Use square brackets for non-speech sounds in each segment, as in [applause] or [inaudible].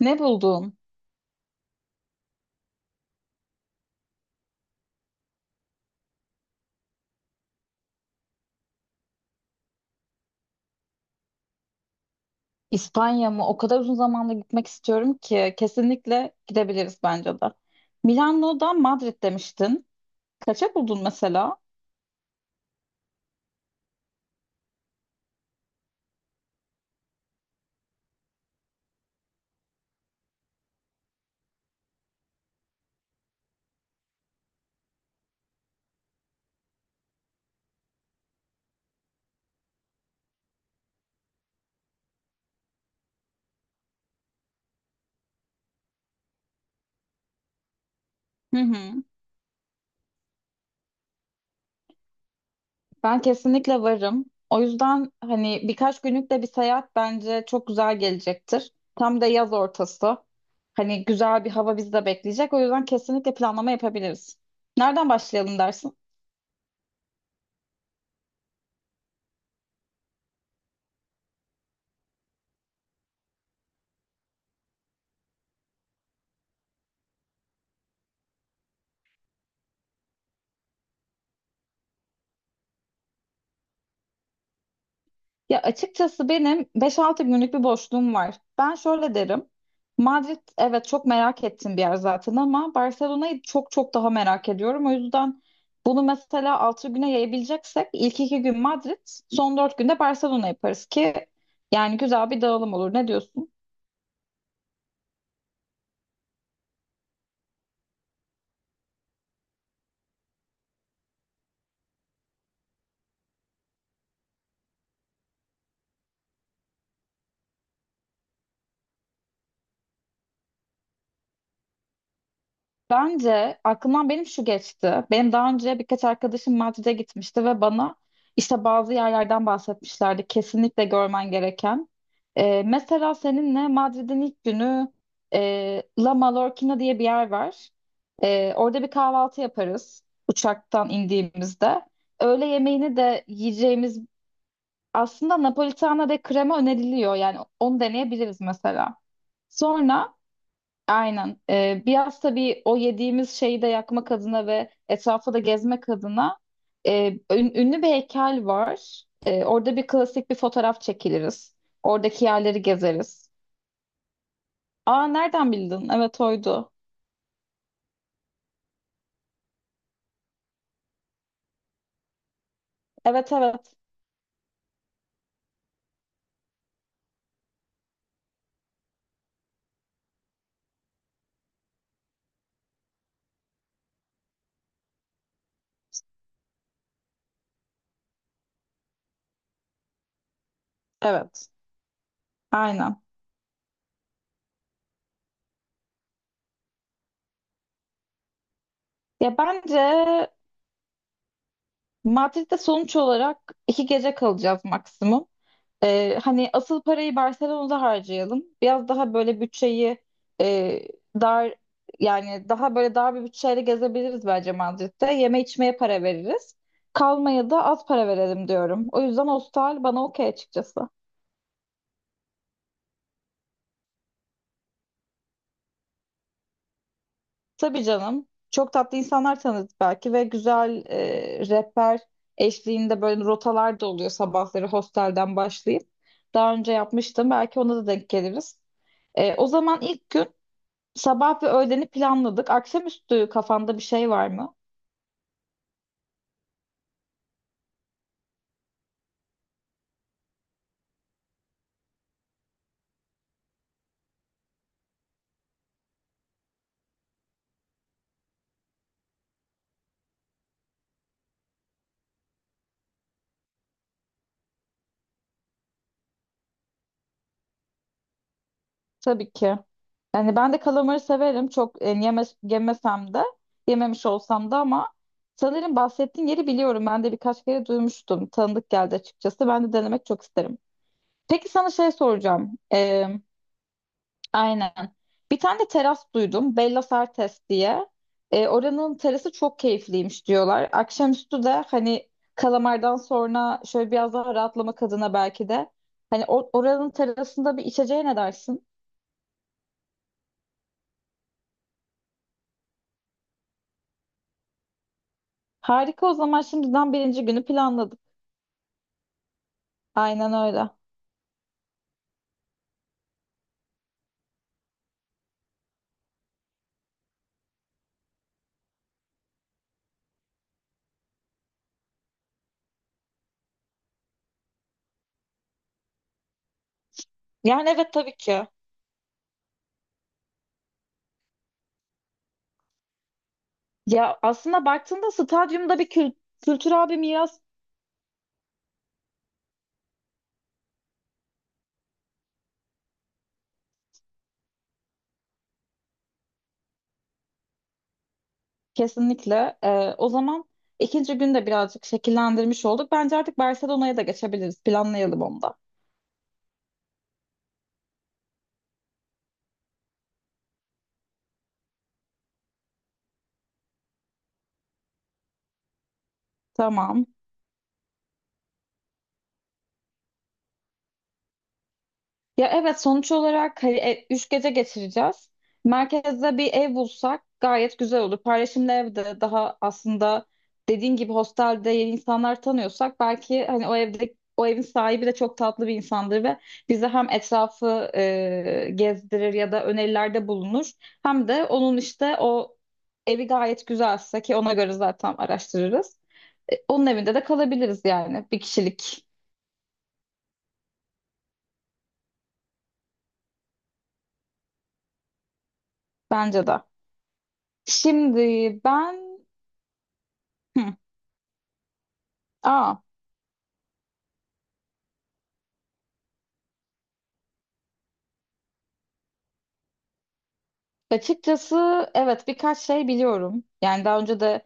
Ne buldun? İspanya mı? O kadar uzun zamanda gitmek istiyorum ki kesinlikle gidebiliriz bence de. Milano'dan Madrid demiştin. Kaça buldun mesela? Hı hı. Ben kesinlikle varım. O yüzden hani birkaç günlük de bir seyahat bence çok güzel gelecektir. Tam da yaz ortası. Hani güzel bir hava bizi de bekleyecek. O yüzden kesinlikle planlama yapabiliriz. Nereden başlayalım dersin? Ya açıkçası benim 5-6 günlük bir boşluğum var. Ben şöyle derim. Madrid, evet, çok merak ettiğim bir yer zaten ama Barcelona'yı çok çok daha merak ediyorum. O yüzden bunu mesela 6 güne yayabileceksek ilk 2 gün Madrid, son 4 günde Barcelona yaparız ki yani güzel bir dağılım olur. Ne diyorsun? Bence aklımdan benim şu geçti. Benim daha önce birkaç arkadaşım Madrid'e gitmişti ve bana işte bazı yerlerden bahsetmişlerdi. Kesinlikle görmen gereken. Mesela seninle Madrid'in ilk günü La Mallorquina diye bir yer var. Orada bir kahvaltı yaparız uçaktan indiğimizde. Öğle yemeğini de yiyeceğimiz aslında Napolitana de krema öneriliyor. Yani onu deneyebiliriz mesela. Sonra. Aynen. Biraz tabii o yediğimiz şeyi de yakmak adına ve etrafı da gezmek adına ünlü bir heykel var. Orada bir klasik bir fotoğraf çekiliriz. Oradaki yerleri gezeriz. Aa, nereden bildin? Evet, oydu. Evet evet. Evet. Aynen. Ya bence Madrid'de sonuç olarak 2 gece kalacağız maksimum. Hani asıl parayı Barcelona'da harcayalım. Biraz daha böyle bütçeyi e, dar, yani daha böyle dar bir bütçeyle gezebiliriz bence Madrid'de. Yeme içmeye para veririz. Kalmaya da az para verelim diyorum. O yüzden hostel bana okey açıkçası. Tabii canım. Çok tatlı insanlar tanıdık belki ve güzel rehber eşliğinde böyle rotalar da oluyor sabahları hostelden başlayıp. Daha önce yapmıştım. Belki ona da denk geliriz. O zaman ilk gün sabah ve öğleni planladık. Akşamüstü kafanda bir şey var mı? Tabii ki. Yani ben de kalamarı severim. Çok yemesem de, yememiş olsam da ama sanırım bahsettiğin yeri biliyorum. Ben de birkaç kere duymuştum. Tanıdık geldi açıkçası. Ben de denemek çok isterim. Peki sana şey soracağım. Aynen. Bir tane de teras duydum. Bella Sartes diye. Oranın terası çok keyifliymiş diyorlar. Akşamüstü de hani kalamardan sonra şöyle biraz daha rahatlamak adına belki de. Hani oranın terasında bir içeceğe ne dersin? Harika, o zaman şimdiden birinci günü planladık. Aynen öyle. Yani evet, tabii ki. Ya aslında baktığında stadyumda bir kültürel bir miras. Kesinlikle. O zaman ikinci günde birazcık şekillendirmiş olduk. Bence artık Barcelona'ya da geçebiliriz. Planlayalım onu da. Tamam. Ya evet, sonuç olarak hani 3 gece geçireceğiz. Merkezde bir ev bulsak gayet güzel olur. Paylaşımlı evde daha aslında dediğin gibi hostelde yeni insanlar tanıyorsak, belki hani o evde o evin sahibi de çok tatlı bir insandır ve bize hem etrafı gezdirir ya da önerilerde bulunur, hem de onun işte o evi gayet güzelse ki ona göre zaten araştırırız. Onun evinde de kalabiliriz yani, bir kişilik. Bence de. Şimdi ben. Hı. Aa, açıkçası evet, birkaç şey biliyorum. Yani daha önce de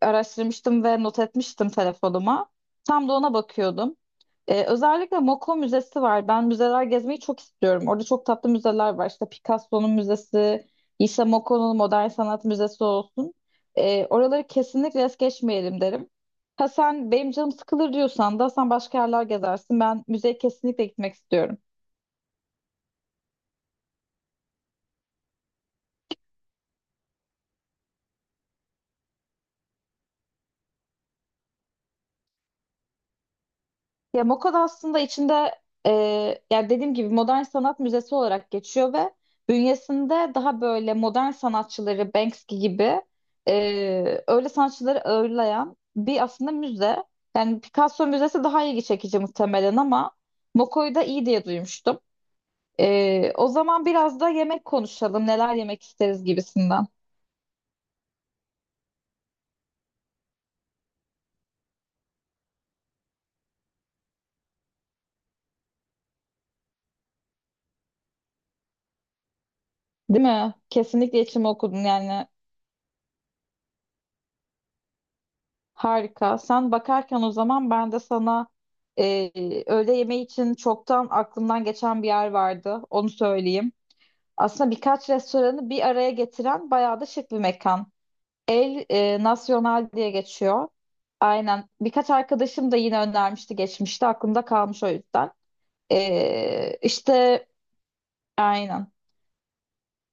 araştırmıştım ve not etmiştim telefonuma. Tam da ona bakıyordum. Özellikle Moco Müzesi var. Ben müzeler gezmeyi çok istiyorum. Orada çok tatlı müzeler var. İşte Picasso'nun müzesi, işte Moco'nun Modern Sanat Müzesi olsun. Oraları kesinlikle es geçmeyelim derim. Ha sen benim canım sıkılır diyorsan da sen başka yerler gezersin. Ben müzeye kesinlikle gitmek istiyorum. Ya MoCA'da aslında içinde, e, yani dediğim gibi, modern sanat müzesi olarak geçiyor ve bünyesinde daha böyle modern sanatçıları, Banksy gibi öyle sanatçıları ağırlayan bir aslında müze. Yani Picasso müzesi daha ilgi çekici muhtemelen ama MoCA'yı da iyi diye duymuştum. O zaman biraz da yemek konuşalım, neler yemek isteriz gibisinden. Değil mi? Kesinlikle içimi okudun yani. Harika. Sen bakarken o zaman ben de sana e, öğle yemeği için çoktan aklımdan geçen bir yer vardı. Onu söyleyeyim. Aslında birkaç restoranı bir araya getiren bayağı da şık bir mekan. El Nacional diye geçiyor. Aynen. Birkaç arkadaşım da yine önermişti geçmişte. Aklımda kalmış o yüzden. E, işte aynen.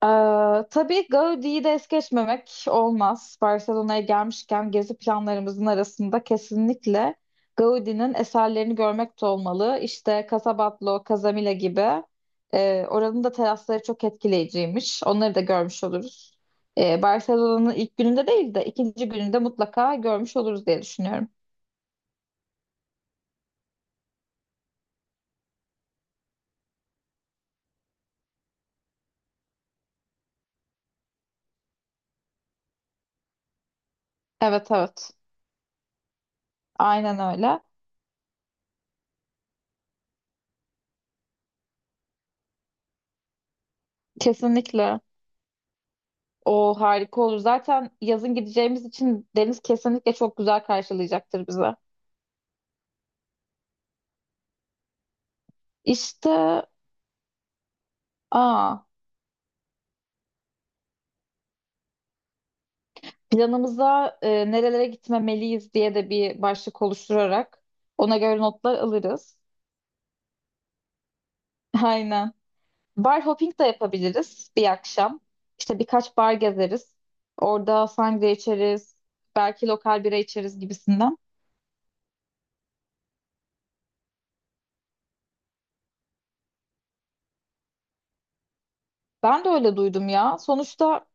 Ee, tabii Gaudi'yi de es geçmemek olmaz. Barcelona'ya gelmişken gezi planlarımızın arasında kesinlikle Gaudi'nin eserlerini görmek de olmalı. İşte Casa Batlló, Casamila gibi oranın da terasları çok etkileyiciymiş. Onları da görmüş oluruz. Barcelona'nın ilk gününde değil de ikinci gününde mutlaka görmüş oluruz diye düşünüyorum. Evet evet, aynen öyle. Kesinlikle. O harika olur. Zaten yazın gideceğimiz için deniz kesinlikle çok güzel karşılayacaktır bize. İşte. Aa, planımıza nerelere gitmemeliyiz diye de bir başlık oluşturarak ona göre notlar alırız. [laughs] Aynen. Bar hopping de yapabiliriz bir akşam. İşte birkaç bar gezeriz. Orada sangria içeriz. Belki lokal bira içeriz gibisinden. Ben de öyle duydum ya. Sonuçta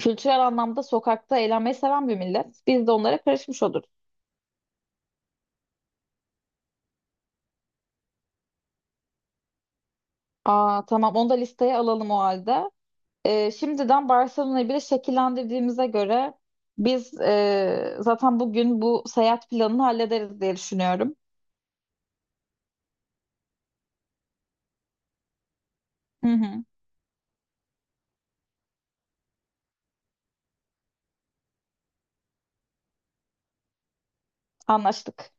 kültürel anlamda sokakta eğlenmeyi seven bir millet. Biz de onlara karışmış oluruz. Aa, tamam, onu da listeye alalım o halde. Şimdiden Barcelona'yı bile şekillendirdiğimize göre biz zaten bugün bu seyahat planını hallederiz diye düşünüyorum. Hı hı, anlaştık.